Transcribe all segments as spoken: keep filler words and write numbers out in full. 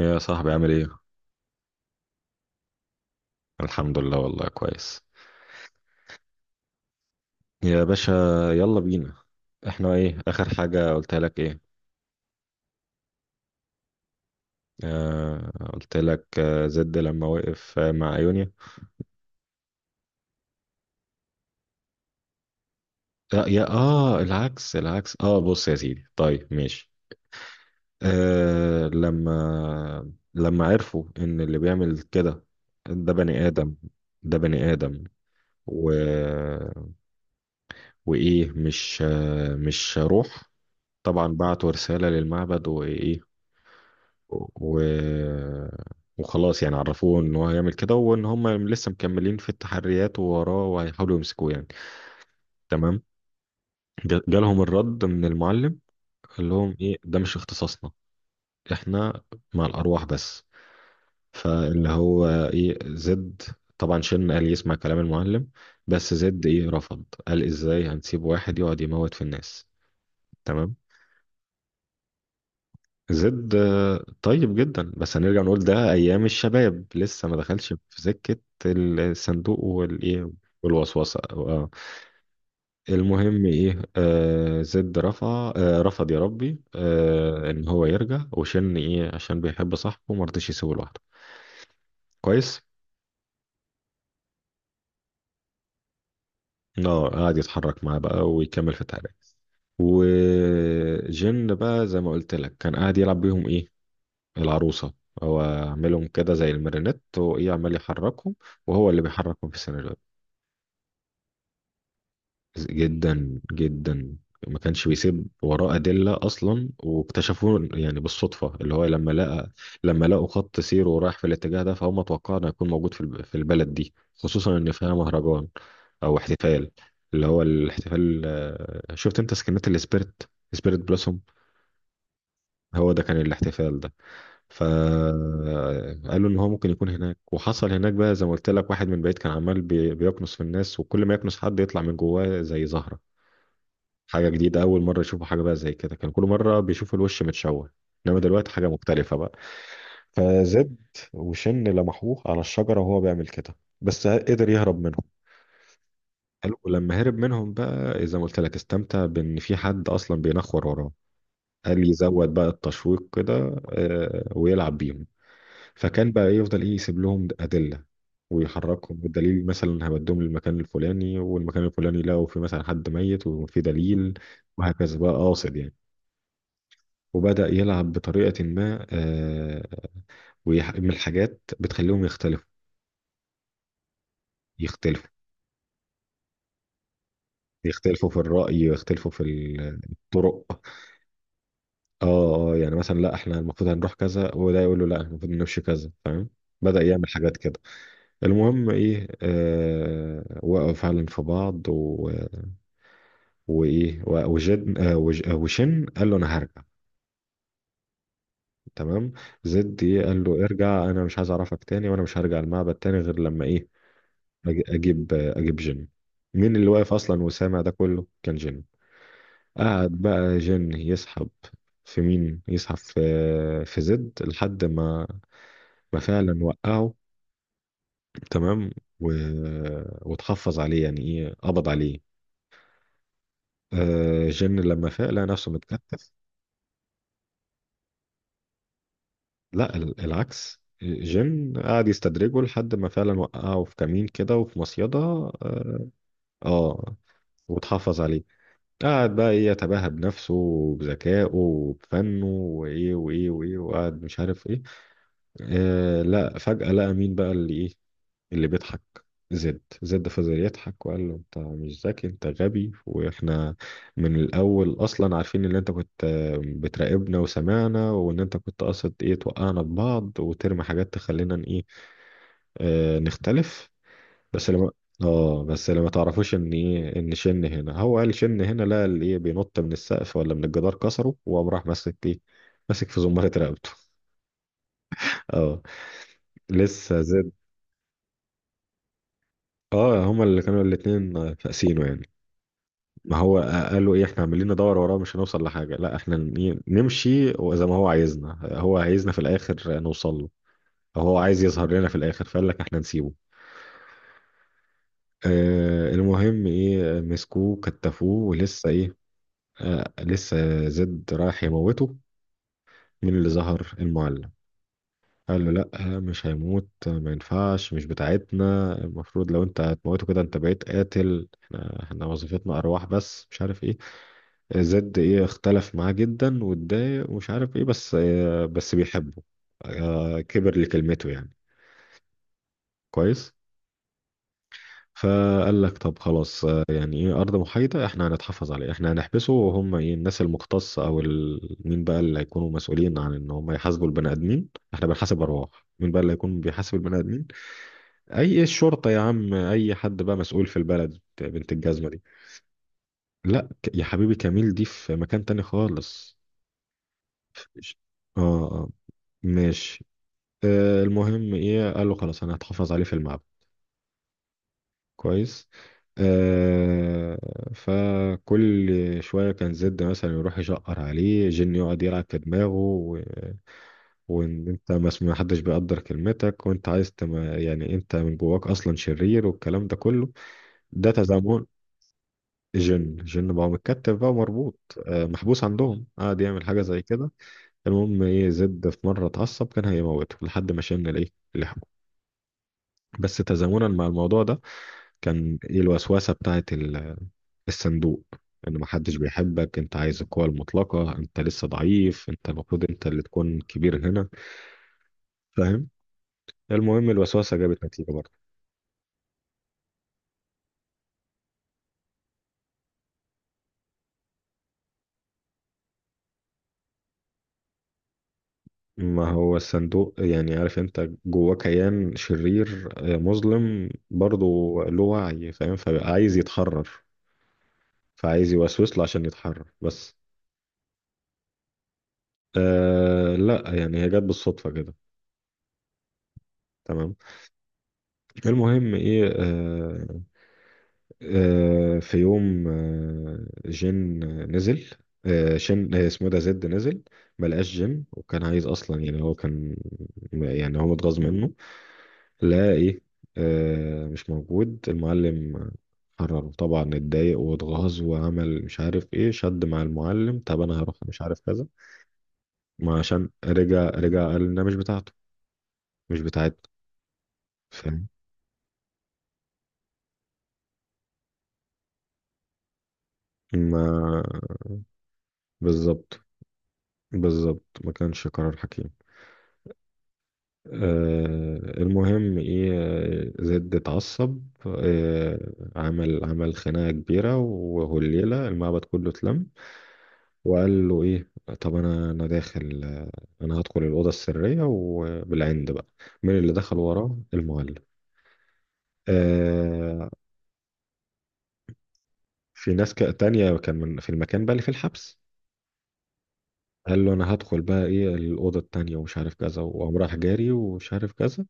يا صاحبي عامل ايه؟ الحمد لله والله كويس. يا باشا يلا بينا. احنا ايه اخر حاجة قلت لك ايه؟ آه قلت لك آه زد لما وقف آه مع ايونيا. لا يا اه العكس العكس، اه بص يا سيدي، طيب ماشي. آه لما لما عرفوا ان اللي بيعمل كده ده بني ادم، ده بني ادم و... وايه، مش آه مش روح. طبعا بعتوا رسالة للمعبد وايه، و... وخلاص يعني عرفوه ان هو هيعمل كده وان هم لسه مكملين في التحريات ووراه وهيحاولوا يمسكوه يعني. تمام. ج- جالهم الرد من المعلم، قال لهم ايه ده مش اختصاصنا، احنا مع الارواح بس. فاللي هو ايه زد، طبعا شن قال يسمع كلام المعلم، بس زد ايه رفض، قال ازاي هنسيب واحد يقعد يموت في الناس. تمام. زد طيب جدا، بس هنرجع نقول ده ايام الشباب لسه ما دخلش في سكة الصندوق والايه والوسوسة آه. المهم ايه، آه زد رفع آه رفض، يا ربي، آه ان هو يرجع وشن ايه عشان بيحب صاحبه ما رضيش يسيبه لوحده. كويس. اه، قعد يتحرك معاه بقى ويكمل في التعريف. وجن بقى زي ما قلت لك كان قاعد يلعب بيهم ايه، العروسة، هو عاملهم كده زي المارينيت وايه عمال يحركهم، وهو اللي بيحركهم في السيناريو، جدا جدا. ما كانش بيسيب وراه أدلة أصلا، واكتشفوه يعني بالصدفة، اللي هو لما لقى، لما لقوا خط سيره رايح في الاتجاه ده، فهم توقعوا إنه هيكون موجود في الب- في البلد دي، خصوصا إن فيها مهرجان أو احتفال، اللي هو الاحتفال آه، شفت أنت سكنات السبيرت، سبيرت بلوسوم، هو ده كان الاحتفال ده. فقالوا إن هو ممكن يكون هناك، وحصل هناك بقى زي ما قلت لك، واحد من بعيد كان عمال بي- بيكنس في الناس، وكل ما يكنس حد يطلع من جواه زي زهرة. حاجة جديدة، أول مرة يشوفوا حاجة بقى زي كده، كان كل مرة بيشوفوا الوش متشوه، إنما دلوقتي حاجة مختلفة بقى. فزد وشن لمحوه على الشجرة وهو بيعمل كده، بس قدر يهرب منهم. حلو. ولما هرب منهم بقى زي ما قلت لك استمتع بإن في حد أصلا بينخور وراه. قال يزود بقى التشويق كده آه، ويلعب بيهم. فكان بقى يفضل إيه يسيب لهم أدلة ويحركهم بالدليل، مثلا هودهم للمكان الفلاني والمكان الفلاني لقوا في مثلا حد ميت وفي دليل، وهكذا بقى، قاصد يعني. وبدأ يلعب بطريقة ما، آه، ويح- من الحاجات بتخليهم يختلفوا، يختلفوا. يختلفوا في الرأي، يختلفوا في ال- الطرق. اه اه، يعني مثلا لا احنا المفروض هنروح كذا، وده يقول له لا احنا المفروض نمشي كذا، فاهم؟ بدأ يعمل حاجات كده. المهم ايه، آه وقعوا فعلا في بعض و... وايه و- وجد آه وج... آه، وشن قال له انا هرجع. تمام. زد إيه؟ قال له ارجع انا مش عايز اعرفك تاني، وانا مش هرجع المعبد تاني غير لما ايه، أج- اجيب اجيب جيم. مين اللي واقف اصلا وسامع ده كله؟ كان جيم. قعد بقى جن يسحب، في مين يسحب؟ في في زد، لحد ما ما فعلا وقعه. تمام. و... وتحفظ عليه يعني ايه، قبض عليه. آه جن لما فاق لقى نفسه متكتف. لا ال- العكس، جن قعد يستدرجه لحد ما فعلا وقعه في كمين كده وفي مصيدة. اه، وتحفظ عليه. قعد بقى ايه يتباهى بنفسه وبذكائه وبفنه وايه وايه وايه، وقعد مش عارف ايه، آه لا فجأة لقى مين بقى اللي ايه، اللي بيضحك؟ زد. زد فضل يضحك وقال له انت مش ذكي، انت غبي، واحنا من الاول اصلا عارفين ان انت كنت آه، بتراقبنا وسمعنا، وان انت كنت قاصد ايه توقعنا ببعض وترمي حاجات تخلينا ن- ايه آه نختلف. بس لما، اه بس لما تعرفوش ان ايه، ان شن هنا، هو قال شن هنا، لا اللي ايه بينط من السقف ولا من الجدار كسره، وقام راح ماسك ايه، ماسك في زمارة رقبته. اه، لسه زاد. اه، هما اللي كانوا الاتنين فاسينه يعني. ما هو قالوا ايه احنا عمالين ندور وراه مش هنوصل لحاجة، لا احنا ن- نمشي زي ما هو عايزنا، هو عايزنا في الاخر نوصل له، أو هو عايز يظهر لنا في الاخر، فقال لك احنا نسيبه. آه المهم ايه مسكوه كتفوه، ولسه ايه، آه لسه زد رايح يموته. مين اللي ظهر؟ المعلم. قال له لا آه، مش هيموت، ما ينفعش، مش بتاعتنا، المفروض لو انت هتموته كده انت بقيت قاتل، احنا، احنا وظيفتنا ارواح بس، مش عارف ايه. زد ايه اختلف معاه جدا واتضايق ومش عارف ايه، بس آه بس بيحبه، آه كبر لكلمته يعني. كويس. فقال لك طب خلاص آه، يعني ايه ارض محايده، احنا هنتحفظ عليه، احنا هنحبسه، وهم ايه الناس المختصه او ال... مين بقى اللي هيكونوا مسؤولين عن ان هم يحاسبوا البني ادمين. احنا بنحاسب ارواح، مين بقى اللي هيكون بيحاسب البني ادمين؟ اي إيه، الشرطه يا عم، اي حد بقى مسؤول في البلد بنت الجزمه دي. لا ك- يا حبيبي كميل دي في مكان تاني خالص. اه آه، ماشي. آه، المهم ايه قال له خلاص انا هتحفظ عليه في المعبد. كويس. آه. فكل شوية كان زد مثلا يروح يشقر عليه، جن يقعد يلعب في دماغه و... وان انت مس- ما حدش بيقدر كلمتك، وانت عايز تم... يعني انت من جواك اصلا شرير، والكلام ده كله. ده تزامن. جن جن بقى متكتف بقى ومربوط، آه محبوس عندهم، قعد يعمل حاجة زي كده. المهم ايه، زد في مرة اتعصب كان هيموته، لحد ما شن الايه، لحمه. بس تزامنا مع الموضوع ده كان ايه الوسوسة بتاعت الصندوق، ان محدش بيحبك، انت عايز القوة المطلقة، انت لسه ضعيف، انت المفروض انت اللي تكون كبير هنا، فاهم؟ المهم الوسوسة جابت نتيجة برضه. ما هو الصندوق يعني عارف انت جواه كيان شرير آه، مظلم برضه، له وعي فاهم، فبقى عايز يتحرر، فعايز يوسوس له عشان يتحرر بس. آه لا يعني هي جت بالصدفة كده. تمام. المهم ايه آه آه، في يوم آه، جين نزل، آه، شين آه، اسمه ده زد، نزل ما لقاش جين، وكان عايز اصلا يعني هو كان، يعني هو متغاظ منه. لا ايه آه، مش موجود المعلم. قرر طبعا، اتضايق واتغاظ وعمل مش عارف ايه، شد مع المعلم طب انا هروح مش عارف كذا. ما عشان رجع، رجع قال انها مش بتاعته، مش بتاعتنا، فاهم؟ ما بالظبط، بالظبط، ما كانش قرار حكيم. آه، المهم ايه آه، زد اتعصب، آه، عمل عمل خناقة كبيرة، وهو الليلة المعبد كله اتلم. وقال له ايه، طب انا انا داخل، آه، انا هدخل الأوضة السرية وبالعند بقى. مين اللي دخل وراه؟ المولد. آه، في ناس ك- تانية كان من في المكان بقى اللي في الحبس. قال له انا هدخل بقى ايه الأوضة التانية ومش عارف كذا، وقام راح جاري ومش عارف كذا.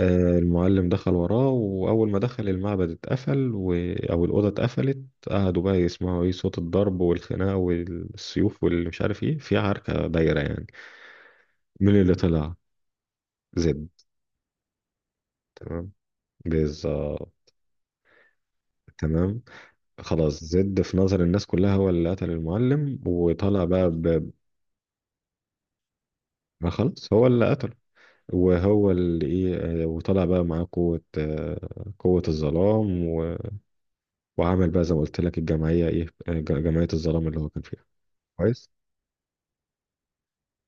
آه، المعلم دخل وراه، وأول ما دخل المعبد اتقفل و... أو الأوضة اتقفلت. قعدوا بقى يسمعوا إيه صوت الضرب والخناقة والسيوف واللي مش عارف إيه، في عركة دايرة يعني. مين اللي طلع؟ زد. تمام، بالظبط. تمام. خلاص زد في نظر الناس كلها هو اللي قتل المعلم، وطلع بقى ب... ما خلاص هو اللي قتله، وهو اللي ايه آه، وطلع بقى معاه قوة آه، قوة الظلام و... وعمل بقى زي ما قلت لك الجمعية ايه آه، ج- جمعية الظلام اللي هو كان فيها. كويس.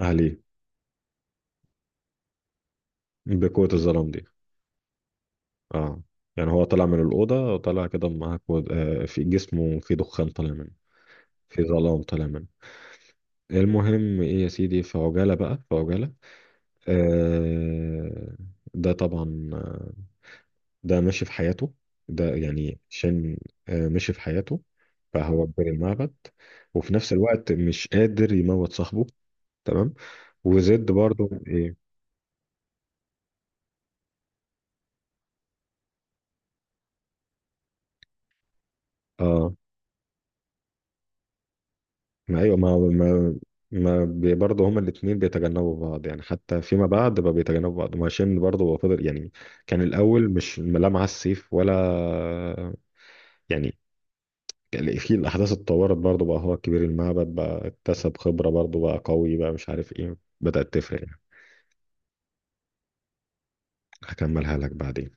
اهلي بقوة الظلام دي. اه يعني هو طلع من الأوضة، طلع كده معاه كو... آه في جسمه، في دخان طالع منه، في ظلام طالع منه. المهم ايه يا سيدي، في عجالة بقى، في عجالة. آه ده طبعا آه، ده ماشي في حياته، ده يعني شن، آه ماشي في حياته. فهو كبير المعبد، وفي نفس الوقت مش قادر يموت صاحبه. تمام. وزد برضو ايه، اه ايوه، ما ما ما بي- برضه هما الاثنين بيتجنبوا بعض يعني، حتى فيما بعد بقى بيتجنبوا بعض. ما هشام برضه هو فضل يعني، كان الاول مش لا معاه السيف ولا، يعني كان في الاحداث، اتطورت برضه بقى هو كبير المعبد بقى، اكتسب خبره برضه، بقى قوي، بقى مش عارف ايه، بدات تفرق يعني. هكملها لك بعدين.